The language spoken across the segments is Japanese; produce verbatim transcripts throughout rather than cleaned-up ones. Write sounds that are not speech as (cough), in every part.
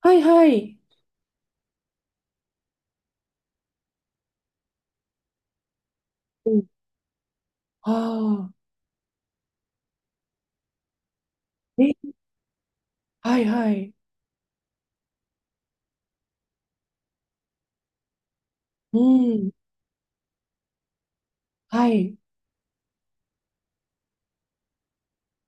はいはい。うん。ああ、え、はいはい。うん、はい。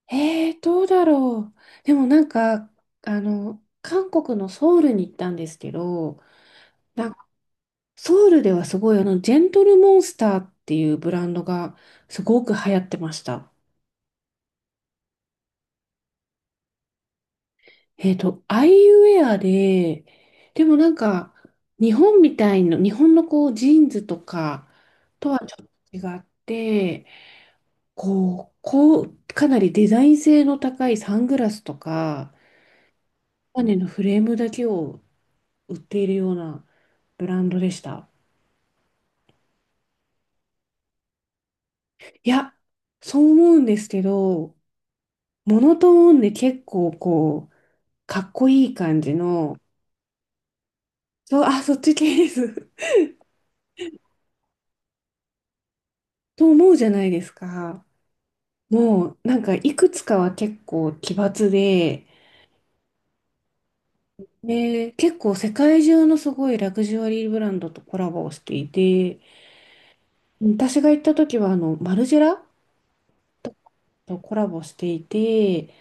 えー、どうだろう。でもなんか、あの、韓国のソウルに行ったんですけど、なんかソウルではすごい、あの、ジェントルモンスターっていうブランドがすごく流行ってました。えっと、アイウェアで、でもなんか、日本みたいな、日本のこう、ジーンズとかとはちょっと違って、こう、こう、かなりデザイン性の高いサングラスとか、マネのフレームだけを売っているようなブランドでした。いや、そう思うんですけど、モノトーンで結構こう、かっこいい感じの、そう、あ、そっち系です。(laughs) と思うじゃないですか。もう、なんかいくつかは結構奇抜で、で、結構世界中のすごいラグジュアリーブランドとコラボをしていて、私が行った時はあの、マルジェラとコラボしていて、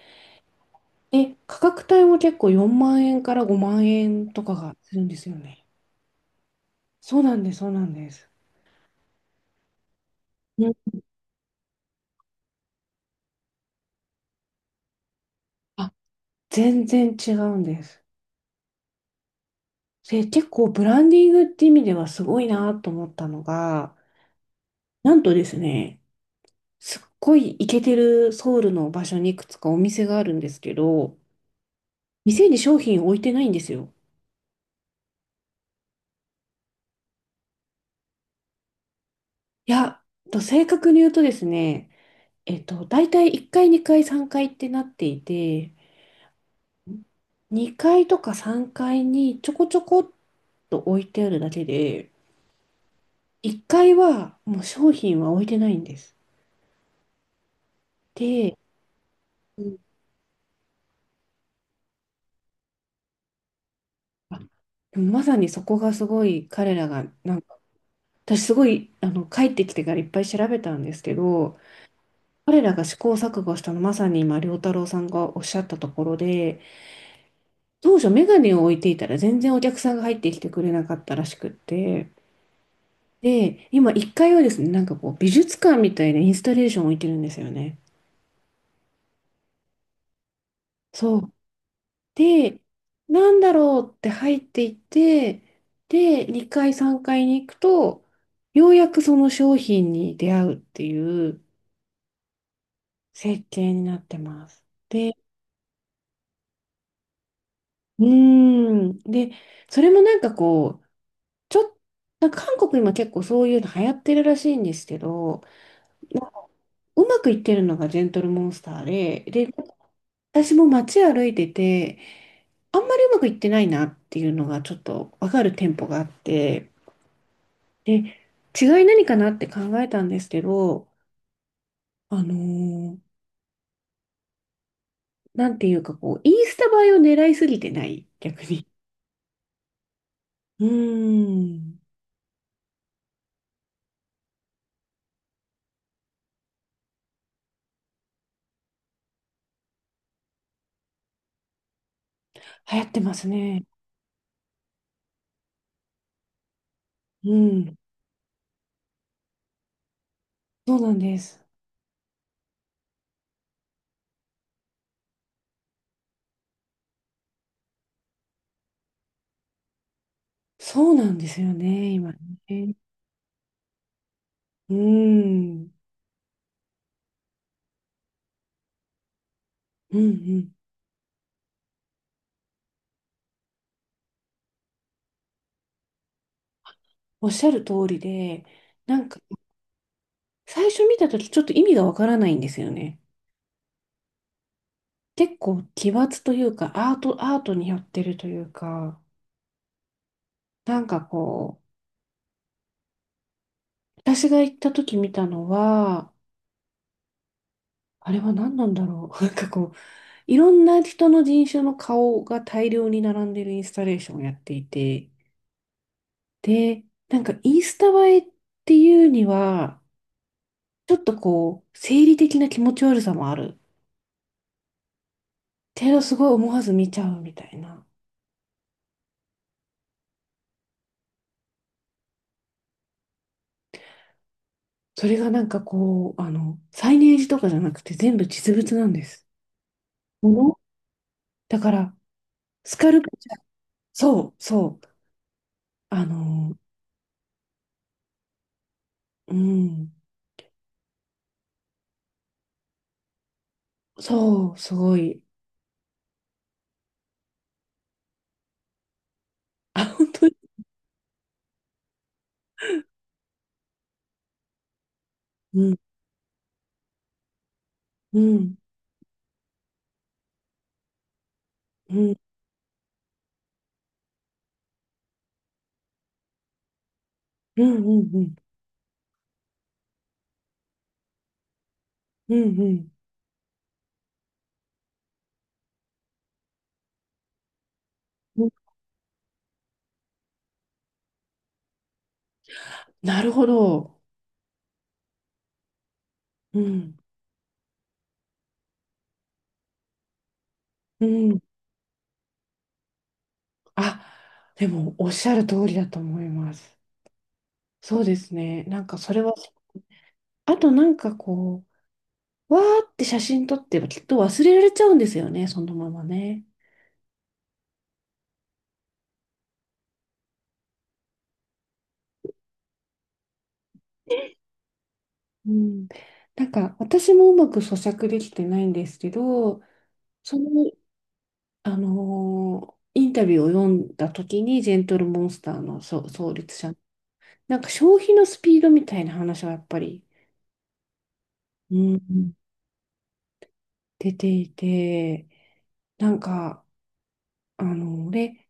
で、価格帯も結構よんまん円からごまん円とかがするんですよね。そうなんです、そうなんです。うん、あ、全然違うんです。で、結構ブランディングって意味ではすごいなと思ったのが、なんとですね、すっごいイケてるソウルの場所にいくつかお店があるんですけど、店に商品置いてないんですよ。いや、と正確に言うとですね、えっと、大体いっかい、にかい、さんがいってなっていて、にかいとかさんがいにちょこちょこっと置いてあるだけで、いっかいはもう商品は置いてないんです。で、うん、あ、でもまさにそこがすごい彼らが、なんか、私すごい、あの、帰ってきてからいっぱい調べたんですけど、彼らが試行錯誤したのまさに今、良太郎さんがおっしゃったところで、当初メガネを置いていたら全然お客さんが入ってきてくれなかったらしくって、で、今いっかいはですね、なんかこう美術館みたいなインスタレーションを置いてるんですよね。そう。で、なんだろうって入っていって、で、にかい、さんがいに行くと、ようやくその商品に出会うっていう設計になってます。で、うーん。で、それもなんかこう、ちょっなんか韓国今結構そういうの流行ってるらしいんですけど、なんかうまくいってるのがジェントルモンスターで、で、私も街歩いてて、あんまりうまくいってないなっていうのがちょっとわかる店舗があって、で、違い何かなって考えたんですけど、あのーなんていうかこう、インスタ映えを狙いすぎてない、逆に。うーん。流行ってますね。うん。そうなんです。そうなんですよね、今ね。うーん。うんうん。おっしゃる通りで、なんか、最初見たときちょっと意味がわからないんですよね。結構奇抜というか、アート、アートに寄ってるというか、なんかこう、私が行った時見たのは、あれは何なんだろう。(laughs) なんかこう、いろんな人の人種の顔が大量に並んでるインスタレーションをやっていて、で、なんかインスタ映えっていうには、ちょっとこう、生理的な気持ち悪さもある。けどすごい思わず見ちゃうみたいな。それがなんかこう、あの、サイネージとかじゃなくて全部実物なんです。ものだから、スカルプチャー、そう、そう、あの、うん、そう、すごい。あ、本当に。うん、うん。うんうんうんうんうんうんうん、なるほど。うんうん、あ、でもおっしゃる通りだと思います。そうですね。なんかそれは、あとなんかこう、わーって写真撮ってきっと忘れられちゃうんですよね、そのままね。うん、なんか私もうまく咀嚼できてないんですけど、その、あのーインタビューを読んだ時にジェントルモンスターのそう創立者、なんか消費のスピードみたいな話はやっぱり。うん、出ていて、なんか、あの、俺、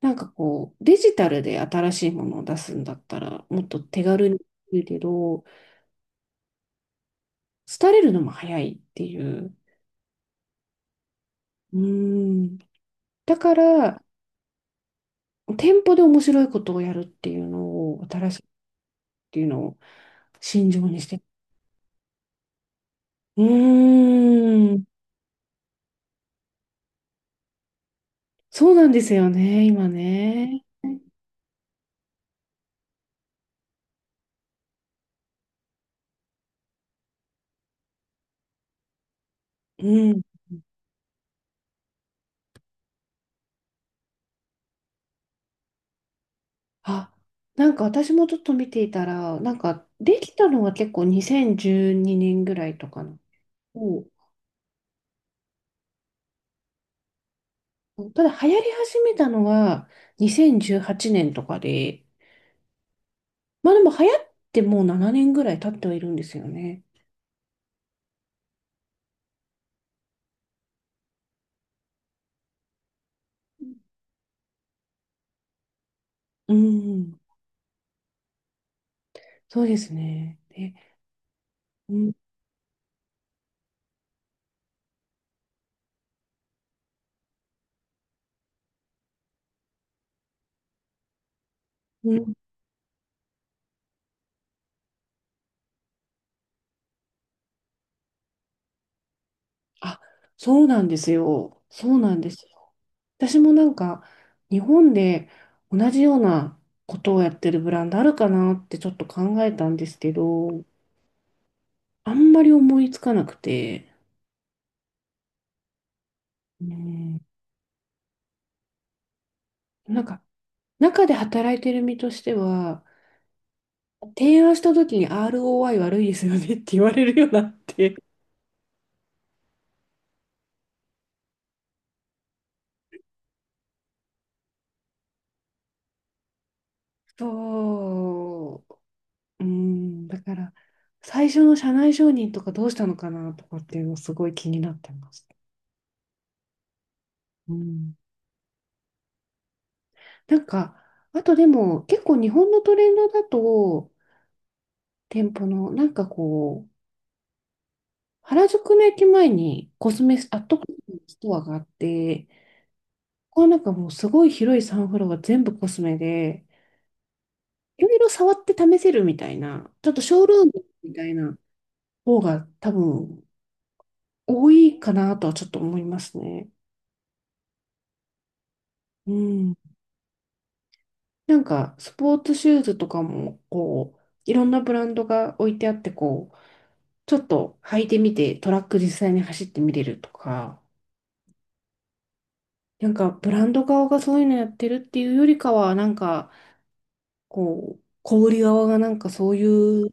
なんかこう、デジタルで新しいものを出すんだったら、もっと手軽にできるけど、廃れるのも早いっていう。うーん。だから、店舗で面白いことをやるっていうのを、新しいっていうのを信条にして。うーん。そうなんですよね、今ね。うん。あ、なんか私もちょっと見ていたら、なんかできたのは結構にせんじゅうにねんぐらいとかの。おう、ただ流行り始めたのはにせんじゅうはちねんとかで、まあでも流行ってもうななねんぐらい経ってはいるんですよね。うん、そうですね。で、うん、うん、あ、そうなんですよ。そうなんですよ。私もなんか日本で同じようなことをやってるブランドあるかなってちょっと考えたんですけど、あんまり思いつかなくて、ねえ、なんか、中で働いてる身としては、提案した時に アールオーアイ 悪いですよねって言われるようになって。そう、うん、だから、最初の社内承認とかどうしたのかなとかっていうのすごい気になってます。うん。なんか、あとでも結構日本のトレンドだと、店舗のなんかこう、原宿の駅前にコスメ、アットコスメのストアがあって、ここはなんかもうすごい広いサンフロアが全部コスメで、いろいろ触って試せるみたいな、ちょっとショールームみたいな方が多分多いかなとはちょっと思いますね。うん。なんかスポーツシューズとかもこう、いろんなブランドが置いてあってこう、ちょっと履いてみてトラック実際に走ってみれるとか、なんかブランド側がそういうのやってるっていうよりかは、なんかこう、小売り側がなんかそういう、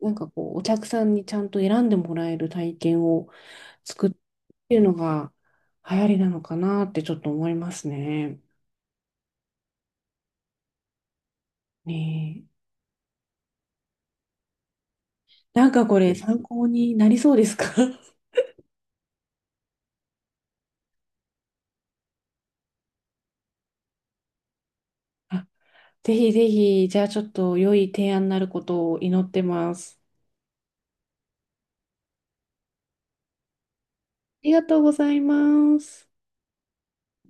なんかこう、お客さんにちゃんと選んでもらえる体験を作ってっていうのが流行りなのかなってちょっと思いますね。ねえ。なんかこれ参考になりそうですか？ (laughs) あ、ぜひぜひ、じゃあちょっと良い提案になることを祈ってます。ありがとうございます。